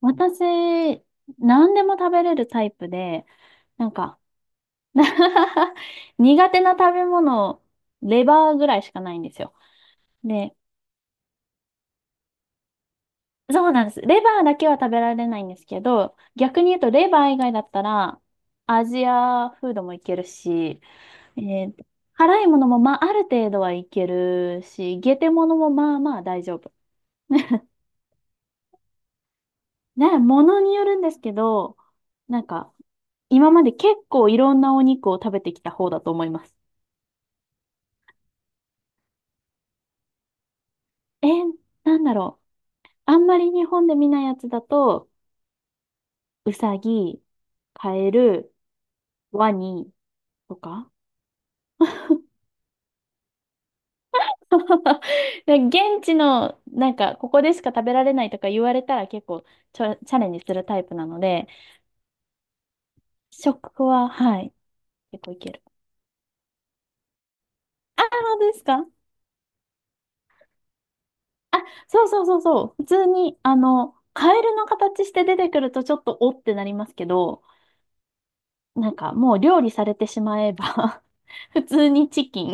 私、何でも食べれるタイプで、なんか 苦手な食べ物、レバーぐらいしかないんですよ。で、そうなんです。レバーだけは食べられないんですけど、逆に言うとレバー以外だったら、アジアフードもいけるし、えー辛いものもまあある程度はいけるし、ゲテものもまあまあ大丈夫。ね、ものによるんですけど、なんか、今まで結構いろんなお肉を食べてきた方だと思います。えー、なんだろう。あんまり日本で見ないやつだと、うさぎ、カエル、ワニとか。で現地の、なんか、ここでしか食べられないとか言われたら結構チャレンジするタイプなので、食は、はい、結構いける。ああ、本当ですか。あ、そうそうそうそう。普通に、あの、カエルの形して出てくるとちょっとおってなりますけど、なんかもう料理されてしまえば 普通にチキン。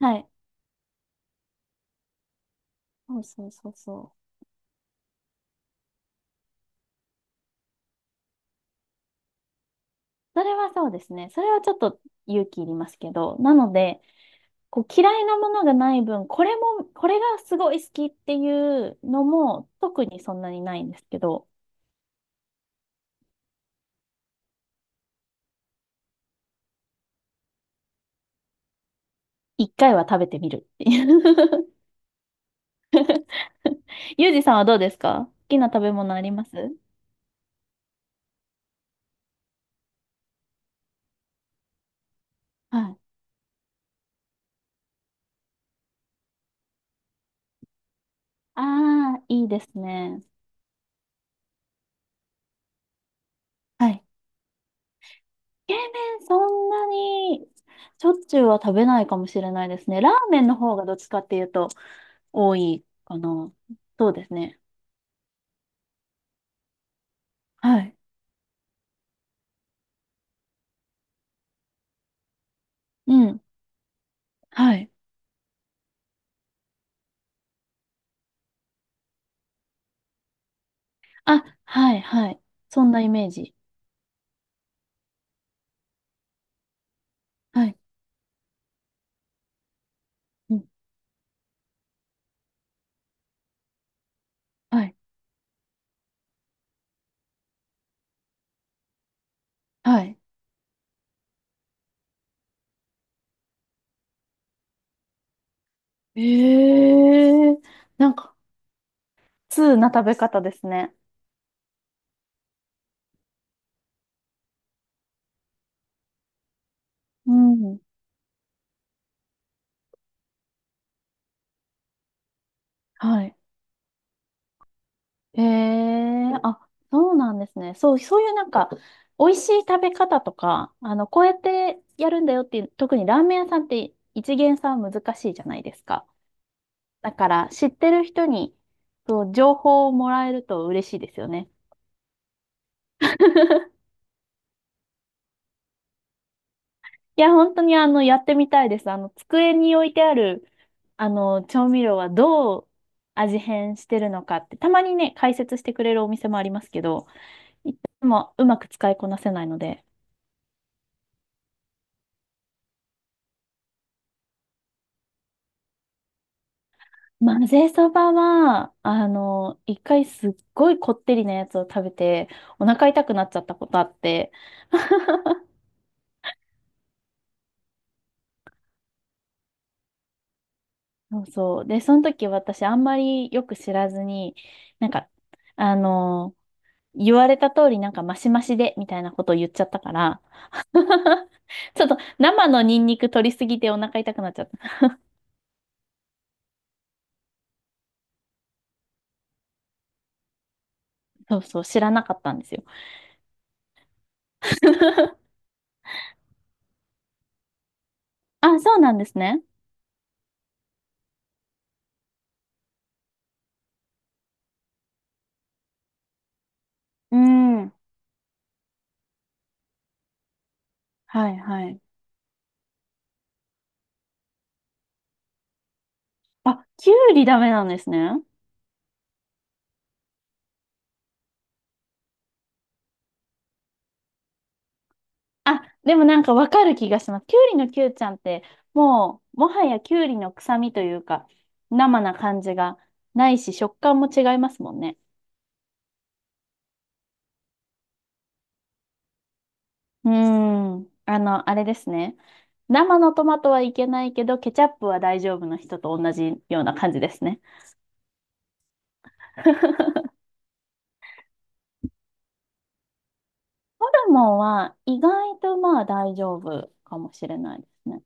はい、そうそうそうそう。それはそうですね。それはちょっと勇気いりますけど、なので、こう嫌いなものがない分、これも、これがすごい好きっていうのも特にそんなにないんですけど、一回は食べてみるっていう。 ゆうじ さんはどうですか、好きな食べ物あります？はい。ああ、いいですね。はい。冷麺そんなにしょっちゅうは食べないかもしれないですね。ラーメンの方がどっちかっていうと多いかな。そうですね。はい。うん。はい。あ、はい、はい。そんなイメージ。はい。うん。はい。はい。ええ、なんか、通な食べ方ですね。うん。はい。ええ、あ、そうなんですね。そう、そういうなんか、美味しい食べ方とか、あの、こうやってやるんだよっていう、特にラーメン屋さんって一見さん難しいじゃないですか。だから、知ってる人に、そう、情報をもらえると嬉しいですよね。いや、本当にあの、やってみたいです。あの、机に置いてある、あの、調味料はどう味変してるのかって、たまにね、解説してくれるお店もありますけど、いつもうまく使いこなせないので。混ぜそばは、あの、一回すっごいこってりなやつを食べて、お腹痛くなっちゃったことあって、そうそう。で、その時私あんまりよく知らずに、なんか、あの、言われた通りなんかマシマシでみたいなことを言っちゃったから、ちょっと生のニンニク取りすぎてお腹痛くなっちゃった。そうそう、知らなかったんですよ。あ、そうなんですね。うん。はいはい。あ、きゅうりダメなんですね。あ、でもなんかわかる気がします。きゅうりのきゅうちゃんって、もう、もはやきゅうりの臭みというか、生な感じがないし、食感も違いますもんね。うーん。あの、あれですね。生のトマトはいけないけど、ケチャップは大丈夫の人と同じような感じですね。ーモンは意外とまあ大丈夫かもしれないですね。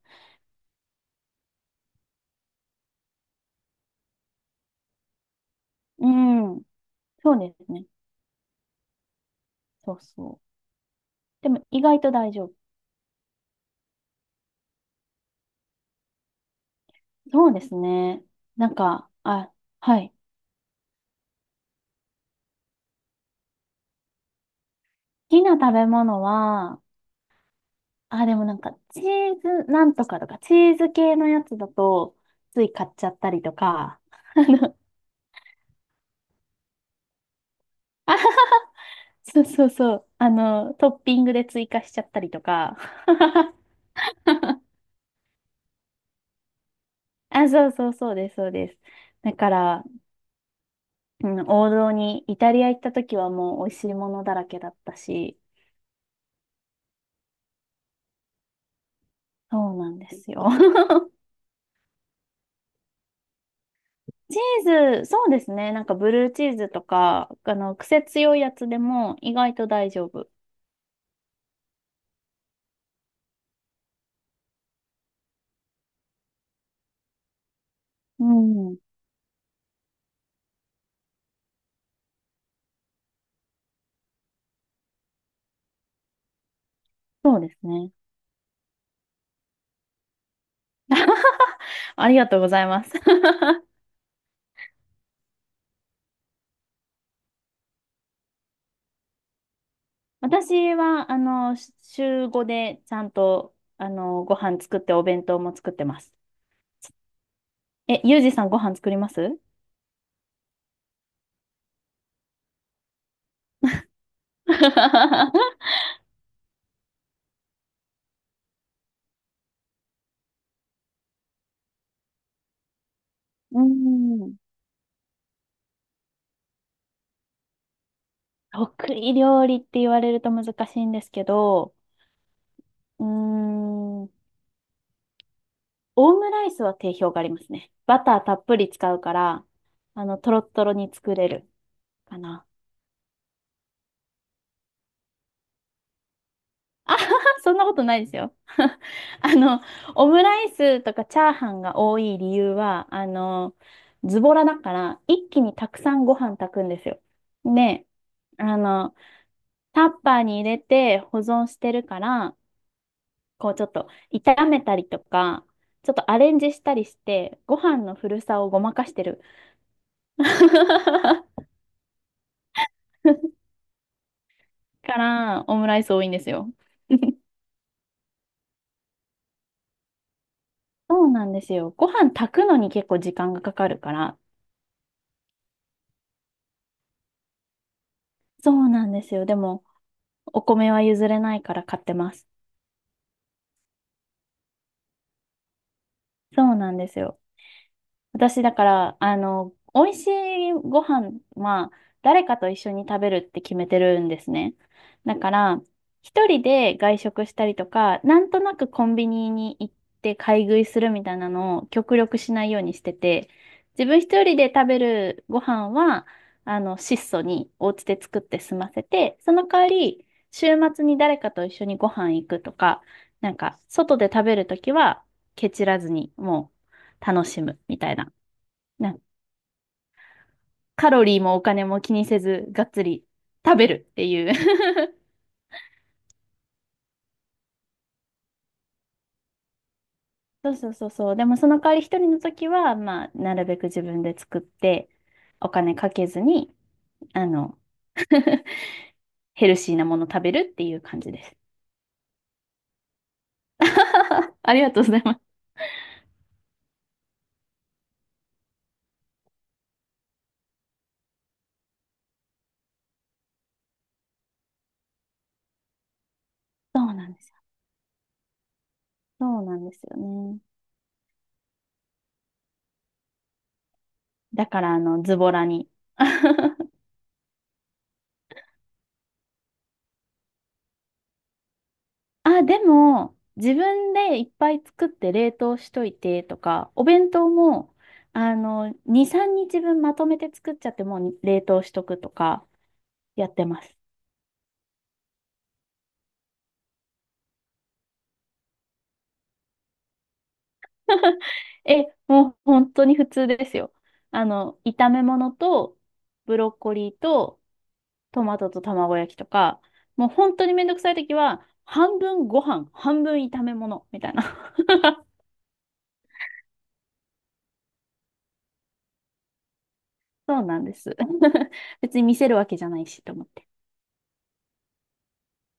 うん。そうですね。そうそう。でも意外と大丈夫。そうですね。なんか、あ、はい。好きな食べ物は、あ、でもなんかチーズなんとかとか、チーズ系のやつだと、つい買っちゃったりとか、あの、そうそうそう。あの、トッピングで追加しちゃったりとか。あ、そうそうそうです、そうです。だから、うん、王道に、イタリア行った時はもう美味しいものだらけだったし、そうなんですよ。チーズ、そうですね。なんかブルーチーズとか、あの、癖強いやつでも意外と大丈夫。うん、そうですね。ありがとうございます。私は、あの、週5でちゃんと、あの、ご飯作ってお弁当も作ってます。え、ゆうじさんご飯作ります？ うん。得意料理って言われると難しいんですけど、うーん、オムライスは定評がありますね。バターたっぷり使うから、あの、トロットロに作れるかな。あはは、そんなことないですよ。あの、オムライスとかチャーハンが多い理由は、あの、ズボラだから、一気にたくさんご飯炊くんですよ。で、あの、タッパーに入れて保存してるから、こうちょっと炒めたりとか、ちょっとアレンジしたりして、ご飯の古さをごまかしてる。から、オムライス多いんですよ。そうなんですよ。ご飯炊くのに結構時間がかかるから。そうなんですよ。でも、お米は譲れないから買ってます。そうなんですよ。私、だから、あの、美味しいご飯は、誰かと一緒に食べるって決めてるんですね。だから、一人で外食したりとか、なんとなくコンビニに行って買い食いするみたいなのを極力しないようにしてて、自分一人で食べるご飯は、あの、質素にお家で作って済ませて、その代わり、週末に誰かと一緒にご飯行くとか、なんか、外で食べるときは、ケチらずに、もう、楽しむみたいな。な、カロリーもお金も気にせず、がっつり食べるっていう。 そうそうそうそう。でもその代わり一人の時は、まあ、なるべく自分で作って、お金かけずに、あの、ヘルシーなもの食べるっていう感じです。ありがとうございます。そうなんですよ。そうなんですよね。だから、あの、ズボラに。あ、でも、自分でいっぱい作って冷凍しといてとか、お弁当も、あの、2、3日分まとめて作っちゃってもう冷凍しとくとかやってます。え、もう本当に普通ですよ。あの、炒め物と、ブロッコリーと、トマトと卵焼きとか、もう本当にめんどくさい時は、半分ご飯、半分炒め物、みたいな。そうなんです。別に見せるわけじゃないしと思って。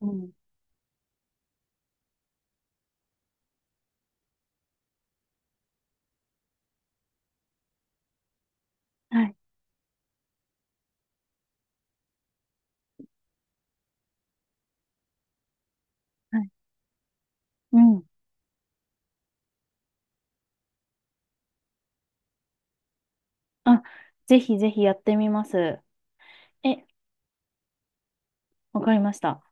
うん。はい。はい。うん。あ、ぜひぜひやってみます。え、わかりました。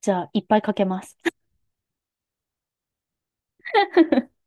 じゃあ、いっぱいかけます。